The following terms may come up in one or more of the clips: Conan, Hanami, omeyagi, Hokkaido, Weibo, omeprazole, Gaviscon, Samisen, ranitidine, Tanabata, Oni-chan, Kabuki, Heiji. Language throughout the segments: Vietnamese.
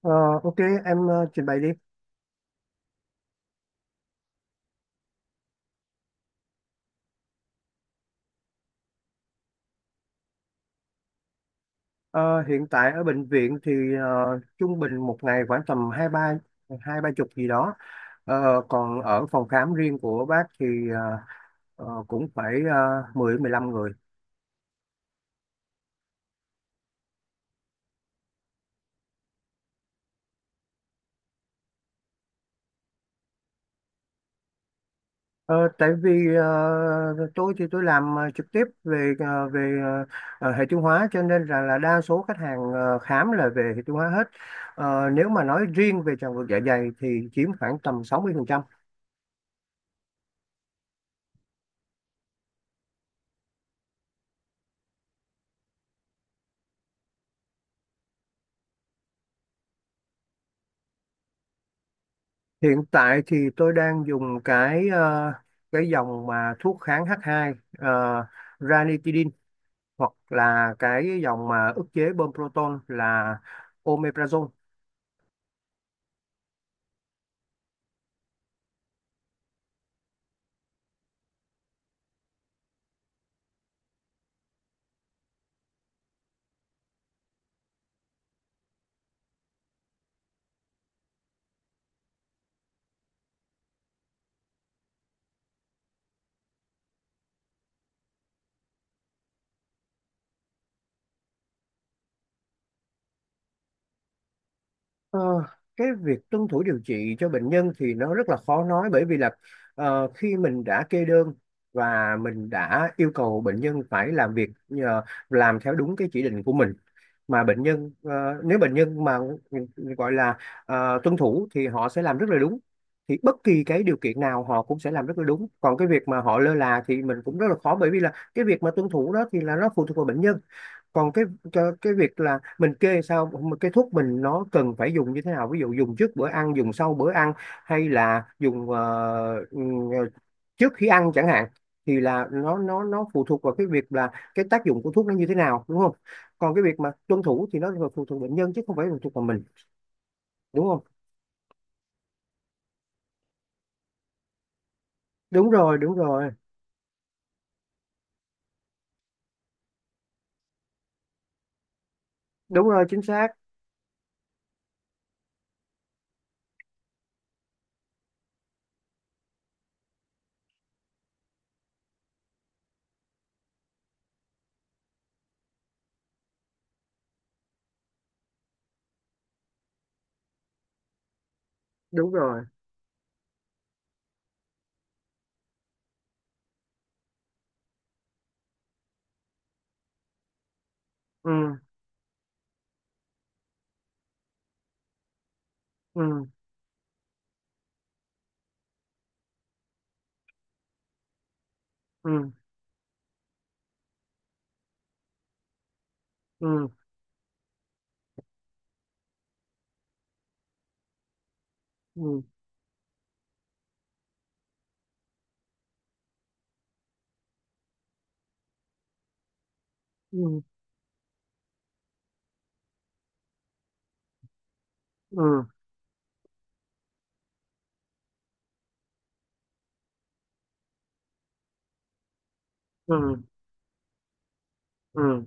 Ờ, ok, em trình bày đi. Ờ, Hiện tại ở bệnh viện thì trung bình một ngày khoảng tầm hai ba chục gì đó. Ờ, Còn ở phòng khám riêng của bác thì ờ, cũng phải 10 15 người. Ờ, Tại vì tôi thì tôi làm trực tiếp về hệ tiêu hóa cho nên là đa số khách hàng khám là về hệ tiêu hóa hết. Nếu mà nói riêng về tràng ngược dạ dày thì chiếm khoảng tầm 60%. Hiện tại thì tôi đang dùng cái dòng mà thuốc kháng H2 , ranitidine hoặc là cái dòng mà ức chế bơm proton là omeprazole. Ờ, cái việc tuân thủ điều trị cho bệnh nhân thì nó rất là khó nói, bởi vì là khi mình đã kê đơn và mình đã yêu cầu bệnh nhân phải làm việc, làm theo đúng cái chỉ định của mình, mà bệnh nhân nếu bệnh nhân mà gọi là tuân thủ thì họ sẽ làm rất là đúng, thì bất kỳ cái điều kiện nào họ cũng sẽ làm rất là đúng. Còn cái việc mà họ lơ là thì mình cũng rất là khó, bởi vì là cái việc mà tuân thủ đó thì là nó phụ thuộc vào bệnh nhân. Còn cái cho cái việc là mình kê sao, mà cái thuốc mình nó cần phải dùng như thế nào, ví dụ dùng trước bữa ăn, dùng sau bữa ăn hay là dùng trước khi ăn chẳng hạn, thì là nó phụ thuộc vào cái việc là cái tác dụng của thuốc nó như thế nào, đúng không? Còn cái việc mà tuân thủ thì nó là phụ thuộc bệnh nhân chứ không phải phụ thuộc vào mình, đúng không? Đúng rồi. Đúng rồi. Đúng rồi, chính xác. Đúng rồi. Ừ. Ừ. Ừ. Ừ. Ừ. Ừ. Ừ. Ừ. Ừ. Ừ.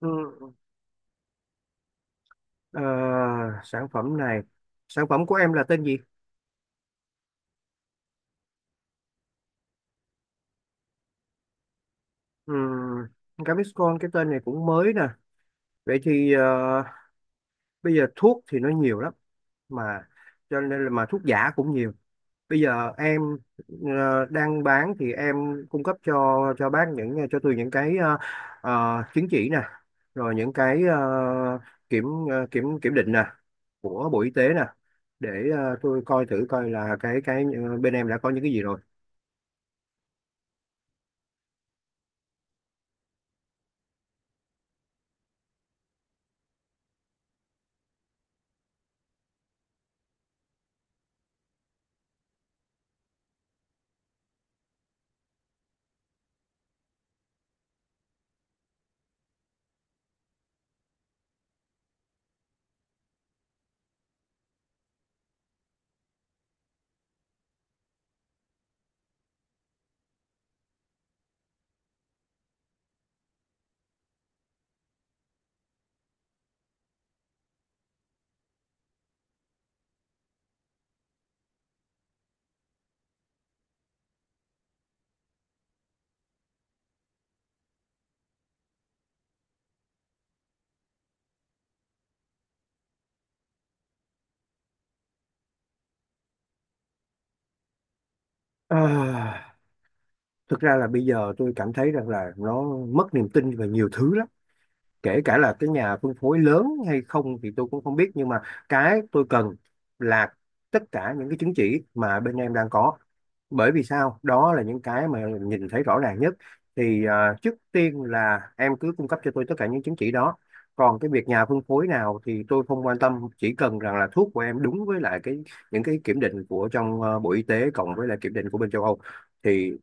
Ừ. Ờ, Sản phẩm này, sản phẩm của em là tên gì? Gaviscon, cái tên này cũng mới nè. Vậy thì bây giờ thuốc thì nó nhiều lắm, mà cho nên là mà thuốc giả cũng nhiều. Bây giờ em đang bán thì em cung cấp cho bác, những cho Tường những cái chứng chỉ nè, rồi những cái kiểm ờ, kiểm kiểm định nè của Bộ Y tế nè, để tôi coi thử coi là cái bên em đã có những cái gì rồi. Ờ, Thực ra là bây giờ tôi cảm thấy rằng là nó mất niềm tin về nhiều thứ lắm, kể cả là cái nhà phân phối lớn hay không thì tôi cũng không biết, nhưng mà cái tôi cần là tất cả những cái chứng chỉ mà bên em đang có, bởi vì sao đó là những cái mà nhìn thấy rõ ràng nhất. Thì trước tiên là em cứ cung cấp cho tôi tất cả những chứng chỉ đó, còn cái việc nhà phân phối nào thì tôi không quan tâm, chỉ cần rằng là thuốc của em đúng với lại cái những cái kiểm định của trong Bộ Y tế cộng với lại kiểm định của bên châu Âu thì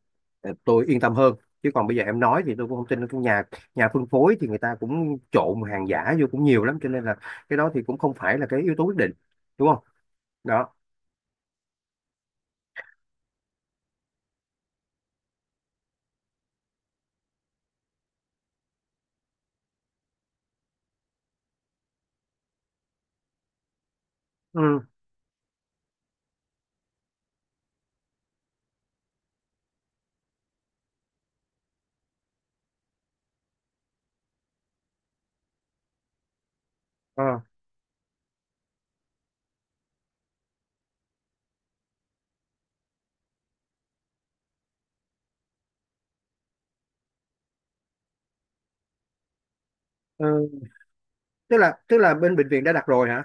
tôi yên tâm hơn, chứ còn bây giờ em nói thì tôi cũng không tin. Cái nhà nhà phân phối thì người ta cũng trộn hàng giả vô cũng nhiều lắm, cho nên là cái đó thì cũng không phải là cái yếu tố quyết định, đúng không? Đó. Ừ. Ờ. Ừ. Tức là bên bệnh viện đã đặt rồi hả?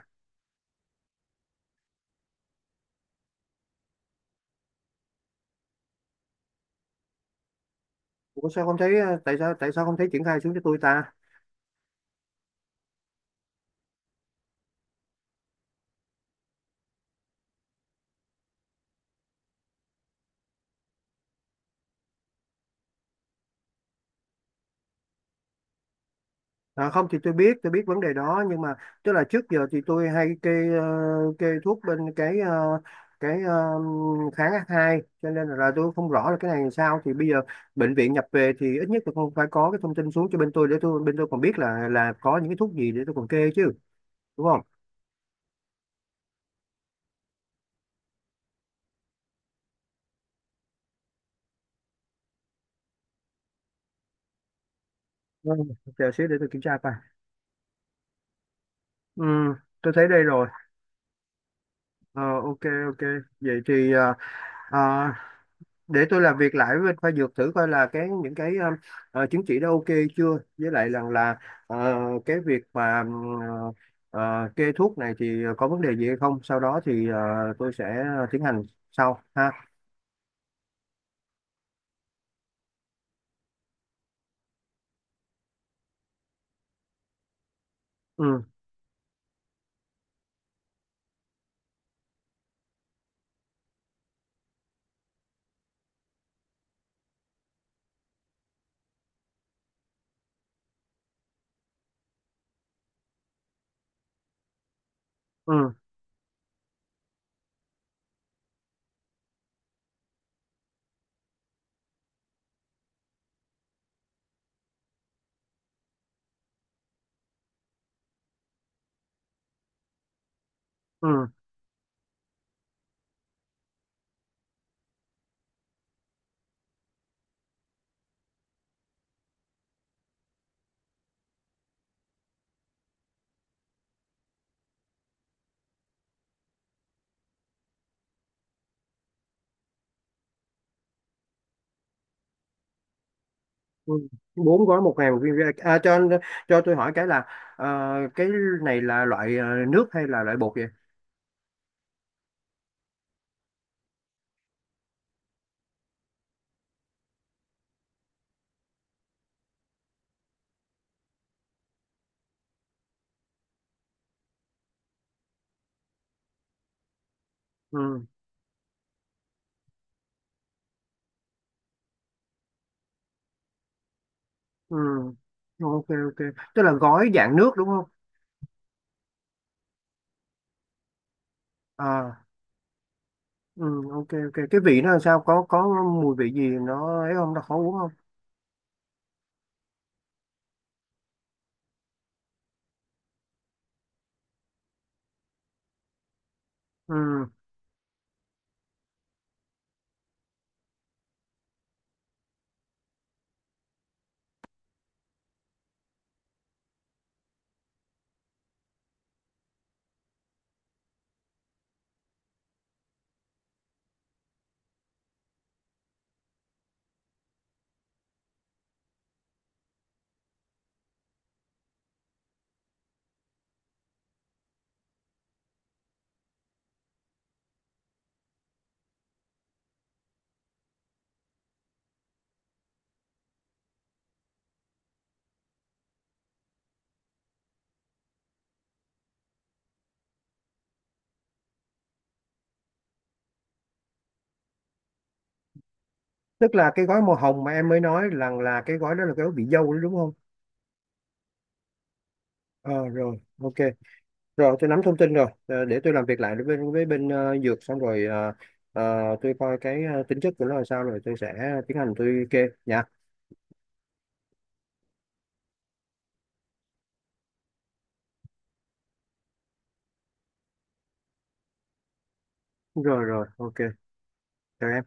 Ủa, sao không thấy tại sao không thấy triển khai xuống cho tôi ta? À, không thì tôi biết vấn đề đó, nhưng mà tức là trước giờ thì tôi hay kê thuốc bên cái ờ, kháng H2, cho nên là tôi không rõ là cái này làm sao. Thì bây giờ bệnh viện nhập về thì ít nhất là không phải có cái thông tin xuống cho bên tôi, để bên tôi còn biết là có những cái thuốc gì để tôi còn kê chứ, đúng không? Ừ, chờ xíu để tôi kiểm tra coi. Ừ, tôi thấy đây rồi. Ờ, ok, ok. Vậy thì ờ, để tôi làm việc lại với bên khoa dược, thử coi là cái những cái chứng chỉ đó ok chưa, với lại rằng là ờ, cái việc mà kê thuốc này thì có vấn đề gì hay không, sau đó thì tôi sẽ tiến hành sau ha. Ừ. Ừ. Ừ. Ừ. Bốn gói, 1.000 viên, à, cho tôi hỏi cái là ờ, cái này là loại nước hay là loại bột vậy? Ừ. Ừ. Ok, ok, tức là gói dạng nước đúng không à? Ừ, ok, ok, cái vị nó làm sao, có mùi vị gì nó ấy không, nó khó uống không? Ừ. Tức là cái gói màu hồng mà em mới nói rằng là cái gói đó là cái gói vị dâu đó, đúng không? Ờ Rồi, ok, rồi tôi nắm thông tin rồi. Ờ, để tôi làm việc lại với bên dược xong rồi tôi coi cái tính chất của nó là sao, rồi tôi sẽ tiến hành tôi kê nha. Rồi, rồi, ok. Chào em.